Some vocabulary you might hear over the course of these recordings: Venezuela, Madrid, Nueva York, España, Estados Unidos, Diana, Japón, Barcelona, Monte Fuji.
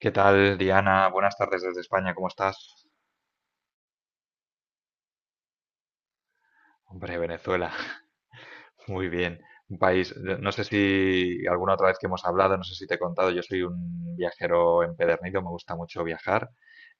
¿Qué tal, Diana? Buenas tardes desde España, ¿cómo estás? Hombre, Venezuela, muy bien. Un país, yo no sé si alguna otra vez que hemos hablado, no sé si te he contado, yo soy un viajero empedernido, me gusta mucho viajar,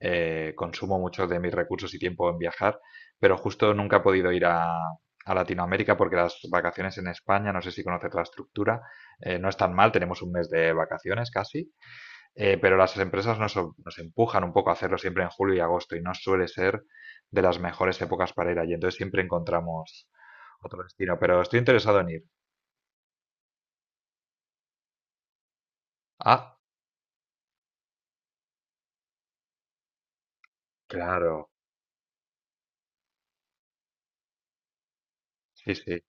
consumo mucho de mis recursos y tiempo en viajar, pero justo nunca he podido ir a Latinoamérica porque las vacaciones en España, no sé si conoces la estructura, no es tan mal, tenemos un mes de vacaciones casi. Pero las empresas nos empujan un poco a hacerlo siempre en julio y agosto y no suele ser de las mejores épocas para ir allí. Entonces siempre encontramos otro destino. Pero estoy interesado en ir. Ah, claro. Sí, sí.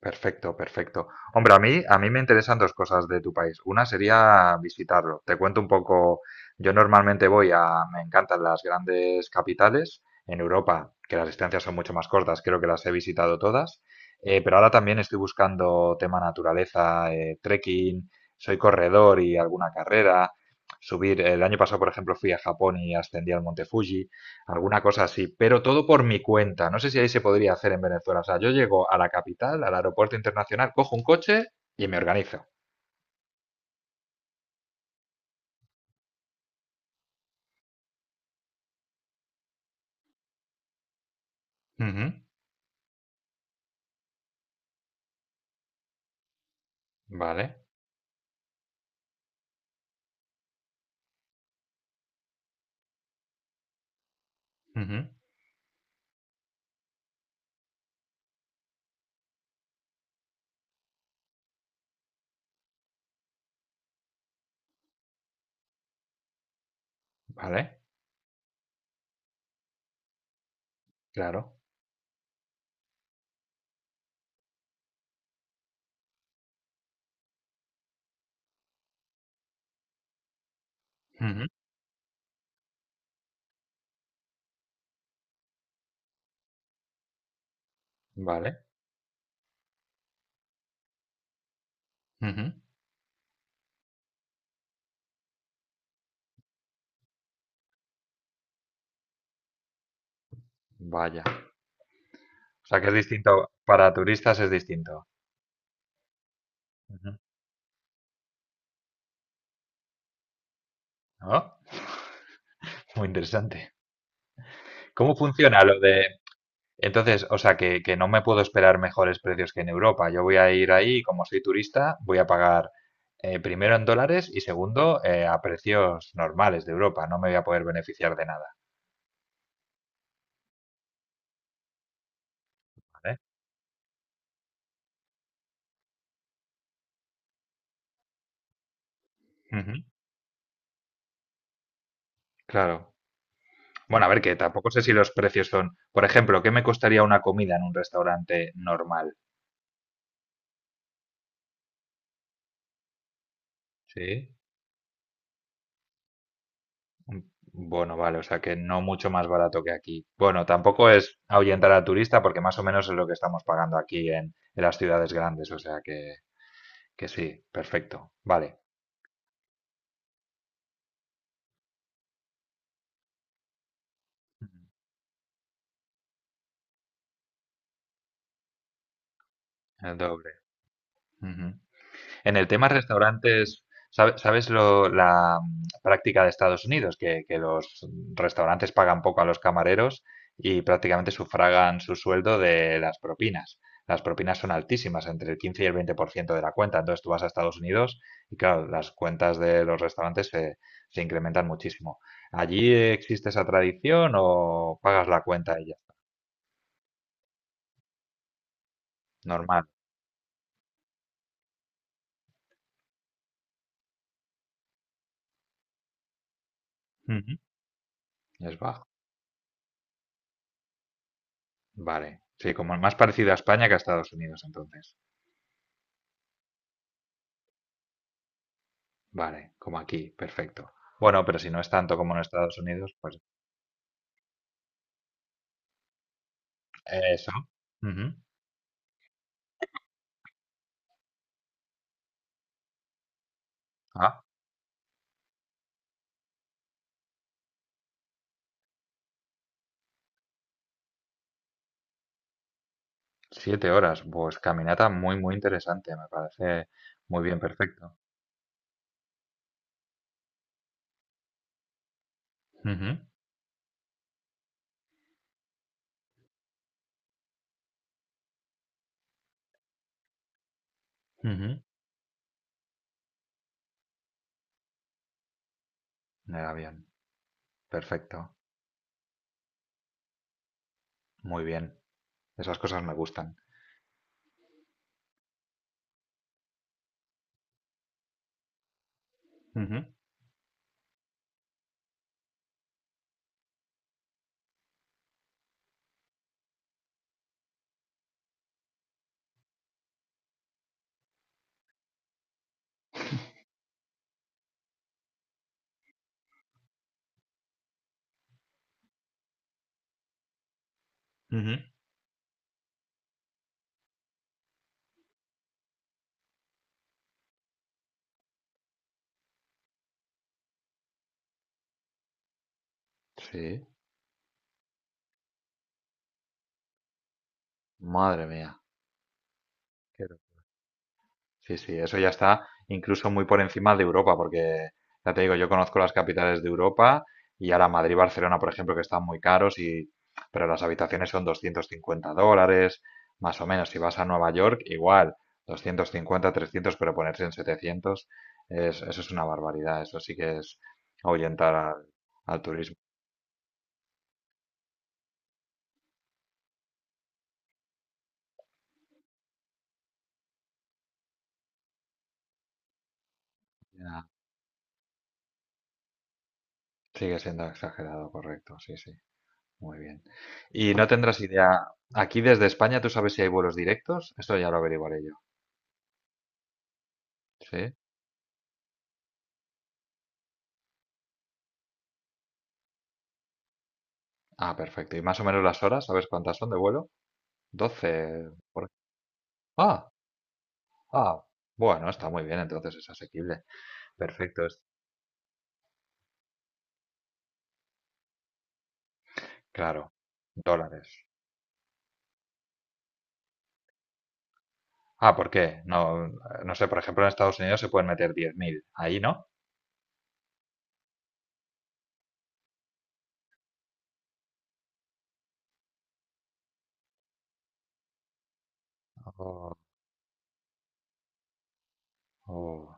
Perfecto, perfecto. Hombre, a mí me interesan dos cosas de tu país. Una sería visitarlo. Te cuento un poco. Yo normalmente me encantan las grandes capitales en Europa, que las distancias son mucho más cortas. Creo que las he visitado todas. Pero ahora también estoy buscando tema naturaleza, trekking. Soy corredor y alguna carrera. Subir. El año pasado, por ejemplo, fui a Japón y ascendí al Monte Fuji. Alguna cosa así, pero todo por mi cuenta. No sé si ahí se podría hacer en Venezuela. O sea, yo llego a la capital, al aeropuerto internacional, cojo un coche y me organizo. Ujú, vale, ujú, vale, claro, ujú, vale, ujú, vaya. O sea, que es distinto, para turistas es distinto. Ujú. ¿No? Muy interesante. ¿Cómo funciona lo de Entonces, o sea, que no me puedo esperar mejores precios que en Europa. Yo voy a ir ahí, y como soy turista, voy a pagar primero en dólares y segundo a precios normales de Europa. No me voy a poder beneficiar de nada. ¿Vale? Ujú, claro. Bueno, a ver, que tampoco sé si los precios son, por ejemplo, ¿qué me costaría una comida en un restaurante normal? Sí. Bueno, vale, o sea que no mucho más barato que aquí. Bueno, tampoco es ahuyentar al turista porque más o menos es lo que estamos pagando aquí en las ciudades grandes, o sea que. Que sí, perfecto. Vale. Ujú. El doble. Ujú. En el tema restaurantes, ¿sabes la práctica de Estados Unidos? Que los restaurantes pagan poco a los camareros y prácticamente sufragan su sueldo de las propinas. Las propinas son altísimas, entre el 15 y el 20% de la cuenta. Entonces tú vas a Estados Unidos y claro, las cuentas de los restaurantes se incrementan muchísimo. ¿Allí existe esa tradición o pagas la cuenta ella? Normal. Ujú. Es baja. Vale, sí, como más parecido a España que a Estados Unidos, entonces. Vale, como aquí, perfecto. Bueno, pero si no es tanto como en Estados Unidos, pues eso. Ujú. Ah, 7 horas, pues caminata muy, muy interesante, me parece muy bien, perfecto. Ujú, ujú. En el avión, perfecto, muy bien. Esas cosas me gustan. Ujú, ujú. Sí, madre mía. Sí, sí, eso ya está incluso muy por encima de Europa, porque ya te digo, yo conozco las capitales de Europa y ahora Madrid, y Barcelona, por ejemplo, que están muy caros, y, pero las habitaciones son $250, más o menos. Si vas a Nueva York, igual, 250, 300, pero ponerse en 700, eso es una barbaridad. Eso sí que es ahuyentar al turismo. Ya, sigue siendo exagerado, correcto, sí, sí. Muy bien. Y no tendrás idea. Aquí desde España, ¿tú sabes si hay vuelos directos? Esto ya lo averiguaré yo. ¿Sí? Ah, perfecto. ¿Y más o menos las horas? ¿Sabes cuántas son de vuelo? 12. por- Ah, ah. Bueno, está muy bien, entonces es asequible. Perfecto, es claro. Dólares. Ah, ¿por qué? No, no sé, por ejemplo, en Estados Unidos se pueden meter 10.000 ahí, ¿no? Oh, oh.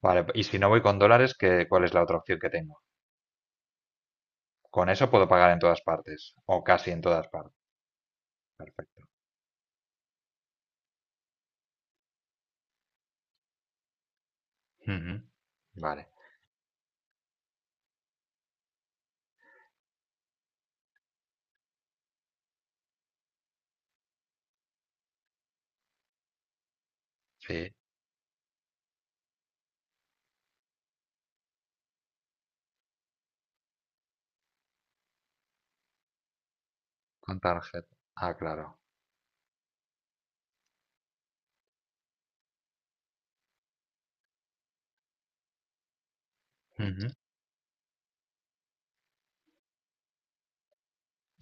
Vale, y si no voy con dólares, ¿cuál es la otra opción que tengo? Con eso puedo pagar en todas partes, o casi en todas partes. Perfecto. Ujú. Vale. Sí, con tarjeta. Ah, claro. Ujú.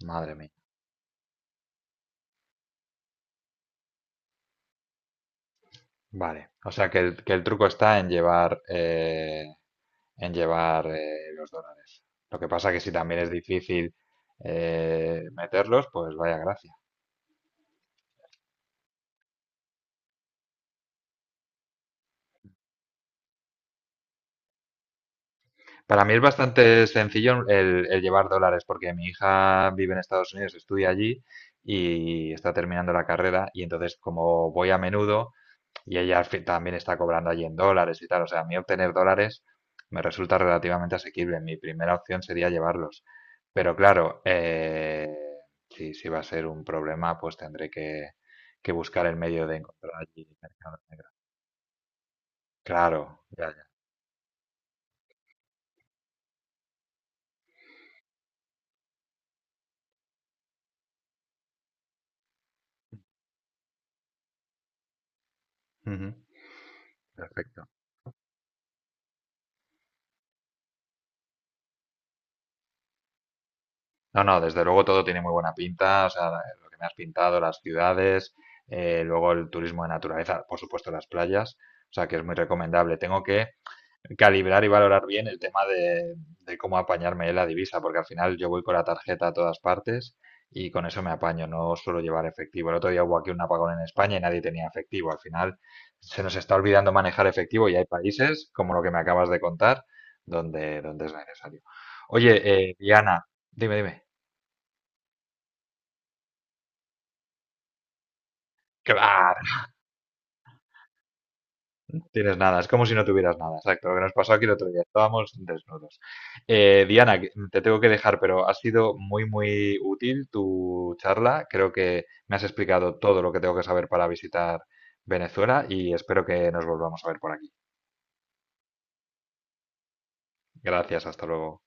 Madre mía. Vale. O sea que que el truco está en llevar, los dólares. Lo que pasa que si también es difícil meterlos, pues vaya gracia. Para mí es bastante sencillo el llevar dólares porque mi hija vive en Estados Unidos, estudia allí y está terminando la carrera y entonces como voy a menudo, y ella al fin también está cobrando allí en dólares y tal. O sea, a mí obtener dólares me resulta relativamente asequible. Mi primera opción sería llevarlos. Pero claro, si va a ser un problema, pues tendré que buscar el medio de encontrar allí mercados negros. Claro, ya, ya. Ujú. Perfecto. No, no, desde luego todo tiene muy buena pinta, o sea, lo que me has pintado, las ciudades, luego el turismo de naturaleza, por supuesto las playas, o sea que es muy recomendable. Tengo que calibrar y valorar bien el tema de cómo apañarme la divisa, porque al final yo voy con la tarjeta a todas partes y con eso me apaño, no suelo llevar efectivo. El otro día hubo aquí un apagón en España y nadie tenía efectivo. Al final se nos está olvidando manejar efectivo y hay países, como lo que me acabas de contar, donde es necesario. Oye, Diana, dime, dime. Que va, tienes nada, es como si no tuvieras nada, exacto. Lo que nos pasó aquí el otro día, estábamos desnudos. Diana, te tengo que dejar, pero ha sido muy, muy útil tu charla. Creo que me has explicado todo lo que tengo que saber para visitar Venezuela y espero que nos volvamos a ver por aquí. Gracias, hasta luego.